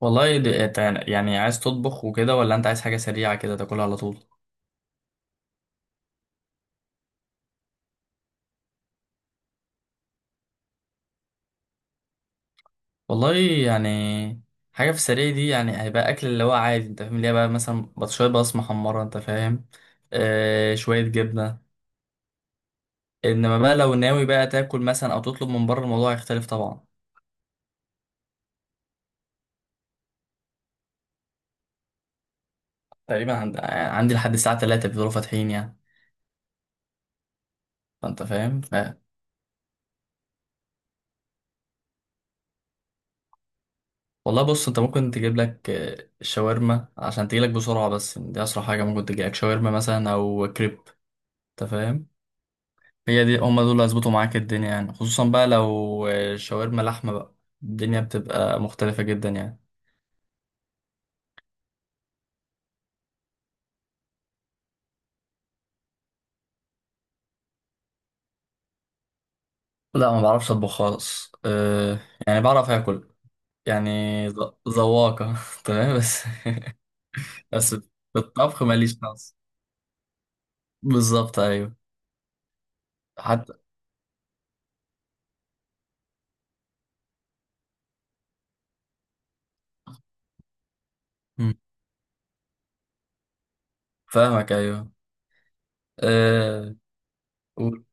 والله يعني عايز تطبخ وكده ولا انت عايز حاجة سريعة كده تاكلها على طول. والله يعني حاجة في السريع دي يعني هيبقى أكل اللي هو عادي، انت فاهم، اللي هي بقى مثلا شوية بطاطس محمرة، انت فاهم؟ آه، شوية جبنة. انما بقى لو ناوي بقى تاكل مثلا او تطلب من بره، الموضوع هيختلف طبعا. تقريبا عندي لحد الساعة 3 بيفضلوا فاتحين يعني. فانت فاهم. والله بص، انت ممكن تجيب لك شاورما عشان تجيلك بسرعة. بس دي أسرع حاجة ممكن تجيلك، شاورما مثلا أو كريب، انت فاهم؟ هي دي هما دول اللي هيظبطوا معاك الدنيا يعني، خصوصا بقى لو شاورما لحمة بقى، الدنيا بتبقى مختلفة جدا يعني. لا، ما بعرفش اطبخ خالص. أه يعني بعرف اكل يعني، ذواقة تمام، بس بس في الطبخ ماليش نقص. بالظبط، ايوه، حتى. مم. فاهمك، ايوه. أه. قول.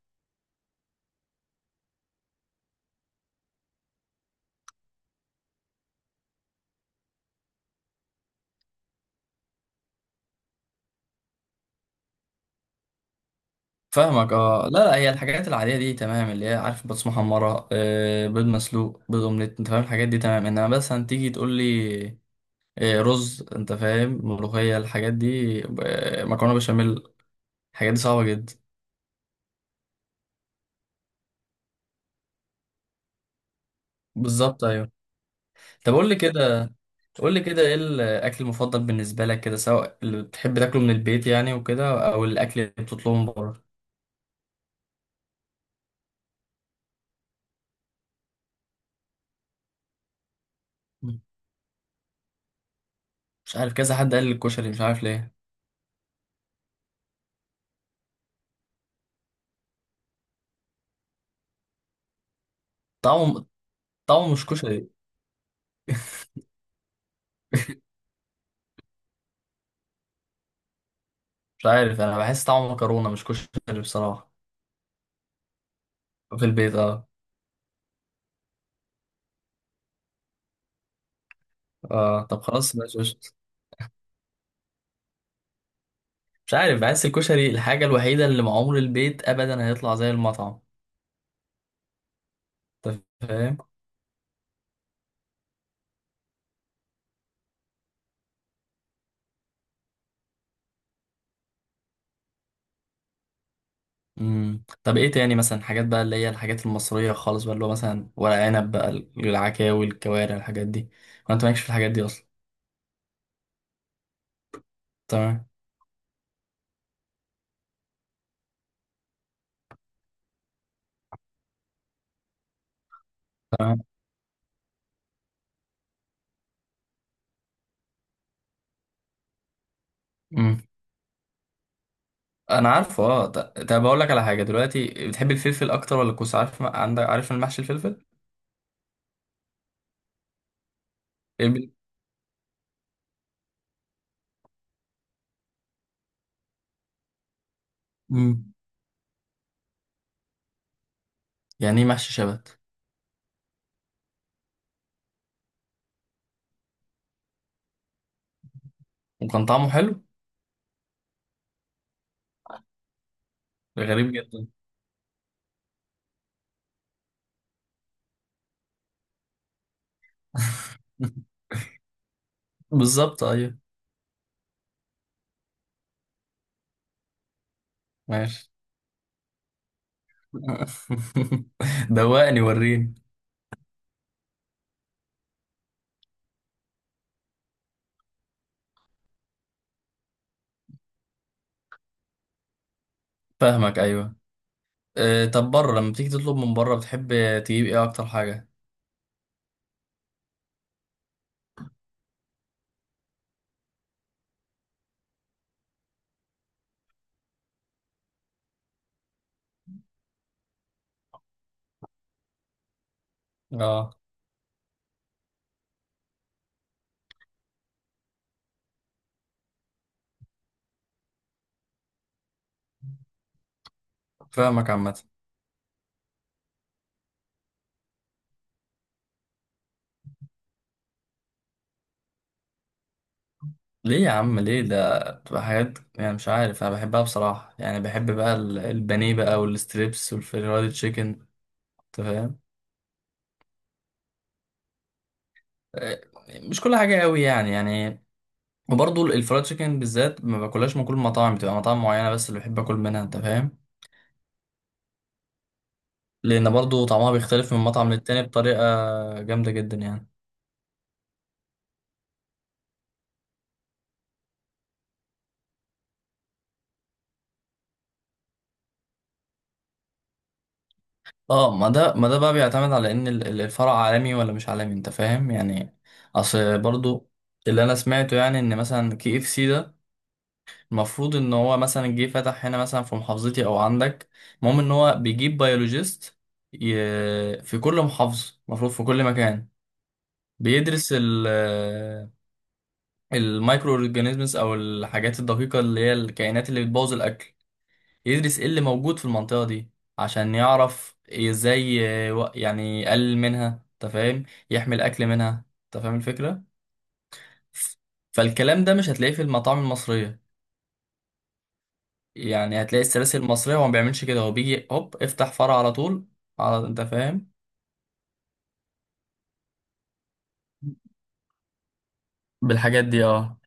فاهمك، اه. لا لا، هي الحاجات العادية دي تمام، اللي هي عارف، بطاطس محمرة، أه، بيض مسلوق، بيض اومليت، انت فاهم، الحاجات دي تمام. انما بس هتيجي تقول لي إيه، رز، انت فاهم، ملوخية، الحاجات دي، آه، مكرونة بشاميل، الحاجات دي صعبة جدا. بالظبط، ايوه. طب قول لي كده، قول لي كده، ايه الاكل المفضل بالنسبة لك كده، سواء اللي بتحب تاكله من البيت يعني وكده، او الاكل اللي بتطلبه من بره؟ مم. مش عارف، كذا حد قال لي الكشري، مش عارف ليه. طعمه، طعمه مش كشري. مش عارف، انا بحس طعمه مكرونة مش كشري بصراحة. في البيت، اه. اه طب خلاص، ماشي، قشطة. مش عارف، بحس الكشري الحاجة الوحيدة اللي مع عمر البيت ابدا هيطلع زي المطعم، انت فاهم؟ مم. طب ايه تاني مثلا، حاجات بقى اللي هي الحاجات المصرية خالص بقى، اللي هو مثلا ورق عنب بقى، العكاوي، الكوارع، الحاجات دي، وانت مالكش في الحاجات دي اصلا؟ تمام. تمام. مم. انا عارفه، اه. طب اقول لك على حاجة دلوقتي، بتحب الفلفل اكتر ولا الكوسة؟ عارف عندك، عارف المحشي الفلفل، الب- مم. يعني ايه محشي شبت؟ وكان طعمه حلو؟ غريب جدا. بالظبط، ايوه. ماشي. دوقني وريني. فاهمك، ايوه. آه، طب بره، لما بتيجي تطلب من بره، بتحب تجيب ايه اكتر حاجه؟ اه. فاهمك عامه. ليه يا عم، ليه؟ ده بتبقى حاجات يعني مش عارف، انا بحبها بصراحه يعني، بحب بقى البانيه بقى، والستريبس، والفرايد تشيكن، انت فاهم؟ آه، مش كل حاجه قوي يعني يعني. وبرضه الفرايد تشيكن بالذات ما باكلهاش من كل المطاعم، بتبقى مطاعم معينه بس اللي بحب اكل منها، انت فاهم؟ لان برضه طعمها بيختلف من مطعم للتاني بطريقه جامده جدا يعني. اه، ما ده، ما ده بقى بيعتمد على ان الفرع عالمي ولا مش عالمي، انت فاهم يعني؟ اصل برضو اللي انا سمعته يعني، ان مثلا كي اف سي ده المفروض ان هو مثلا جه فتح هنا، مثلا في محافظتي او عندك، المهم ان هو بيجيب بيولوجيست ي... في كل محافظة، المفروض في كل مكان، بيدرس ال المايكرو اورجانيزمز، او الحاجات الدقيقة اللي هي الكائنات اللي بتبوظ الاكل، يدرس ايه اللي موجود في المنطقة دي عشان يعرف ازاي يعني يقلل منها، انت فاهم، يحمل اكل منها، انت فاهم الفكرة؟ فالكلام ده مش هتلاقيه في المطاعم المصرية يعني، هتلاقي السلاسل المصرية هو ما بيعملش كده، هو بيجي هوب افتح فرع على طول، على، انت فاهم؟ بالحاجات دي، اه.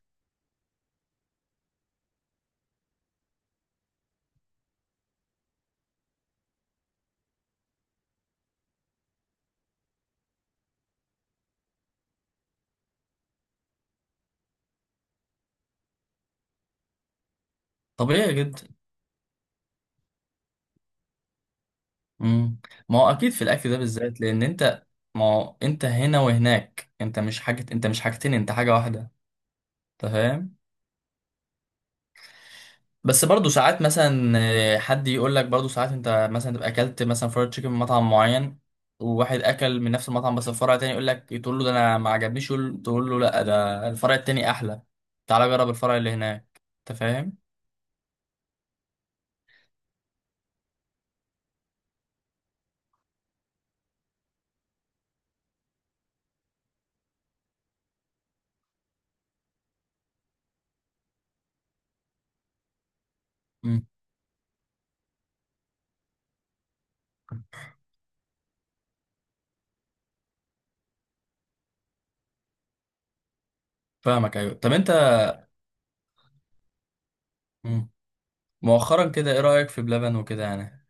طبيعي جدا. مم. ما هو اكيد في الاكل ده بالذات، لان انت، ما هو انت هنا وهناك، انت مش حاجة، انت مش حاجتين، انت حاجة واحدة، انت فاهم؟ بس برضه ساعات مثلا، آه، حد يقول لك برضه ساعات، انت مثلا تبقى اكلت مثلا فرايد تشيكن من مطعم معين، وواحد اكل من نفس المطعم بس الفرع التاني، يقول لك تقول له ده انا ما عجبنيش، تقول له لا، ده الفرع التاني احلى، تعالى جرب الفرع اللي هناك، انت فاهم؟ امم. فاهمك، ايوه. طب انت، مم، مؤخرا كده، ايه رايك في بلبن وكده يعني؟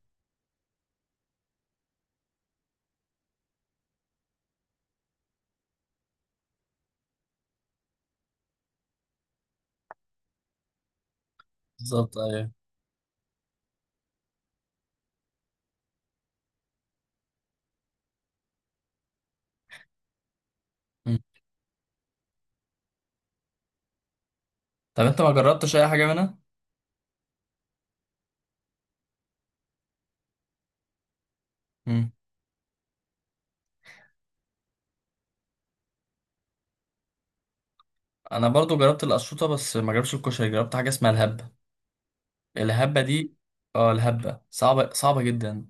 بالظبط، ايوه. مم. طب انت ما جربتش اي حاجه منها؟ مم. انا برضو جربت القشطوطه، بس ما جربتش الكشري. جربت حاجه اسمها الهبه، الهبه دي. اه، الهبه صعبه، صعبه جدا.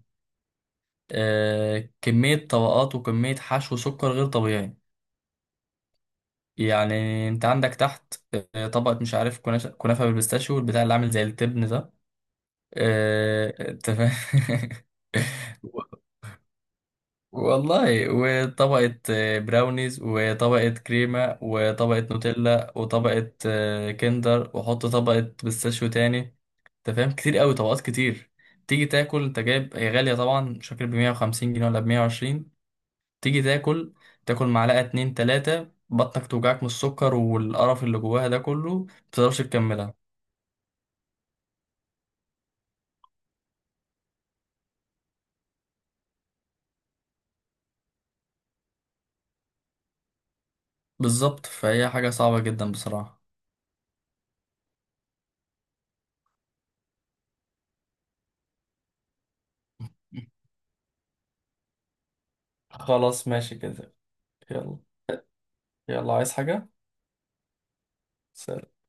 آه، كمية طبقات وكمية حشو سكر غير طبيعي يعني. انت عندك تحت آه، طبقة مش عارف، كنافة، كنافة بالبيستاشيو والبتاع اللي عامل زي التبن ده، آه، انت فاهم؟ و- والله، وطبقة آه، براونيز، وطبقة كريمة، وطبقة نوتيلا، وطبقة آه، كندر، وحط طبقة بيستاشيو تاني، انت فاهم؟ كتير قوي، طبقات كتير. تيجي تاكل، انت جايب، هي غالية طبعا، مش فاكر ب 150 جنيه ولا ب 120. تيجي تاكل، تاكل معلقة اتنين تلاتة، بطنك توجعك من السكر والقرف اللي جواها ده كله، متقدرش تكملها. بالظبط، فهي حاجة صعبة جدا بصراحة. خلاص، ماشي كده. يلا. يلا، عايز حاجة؟ سلام.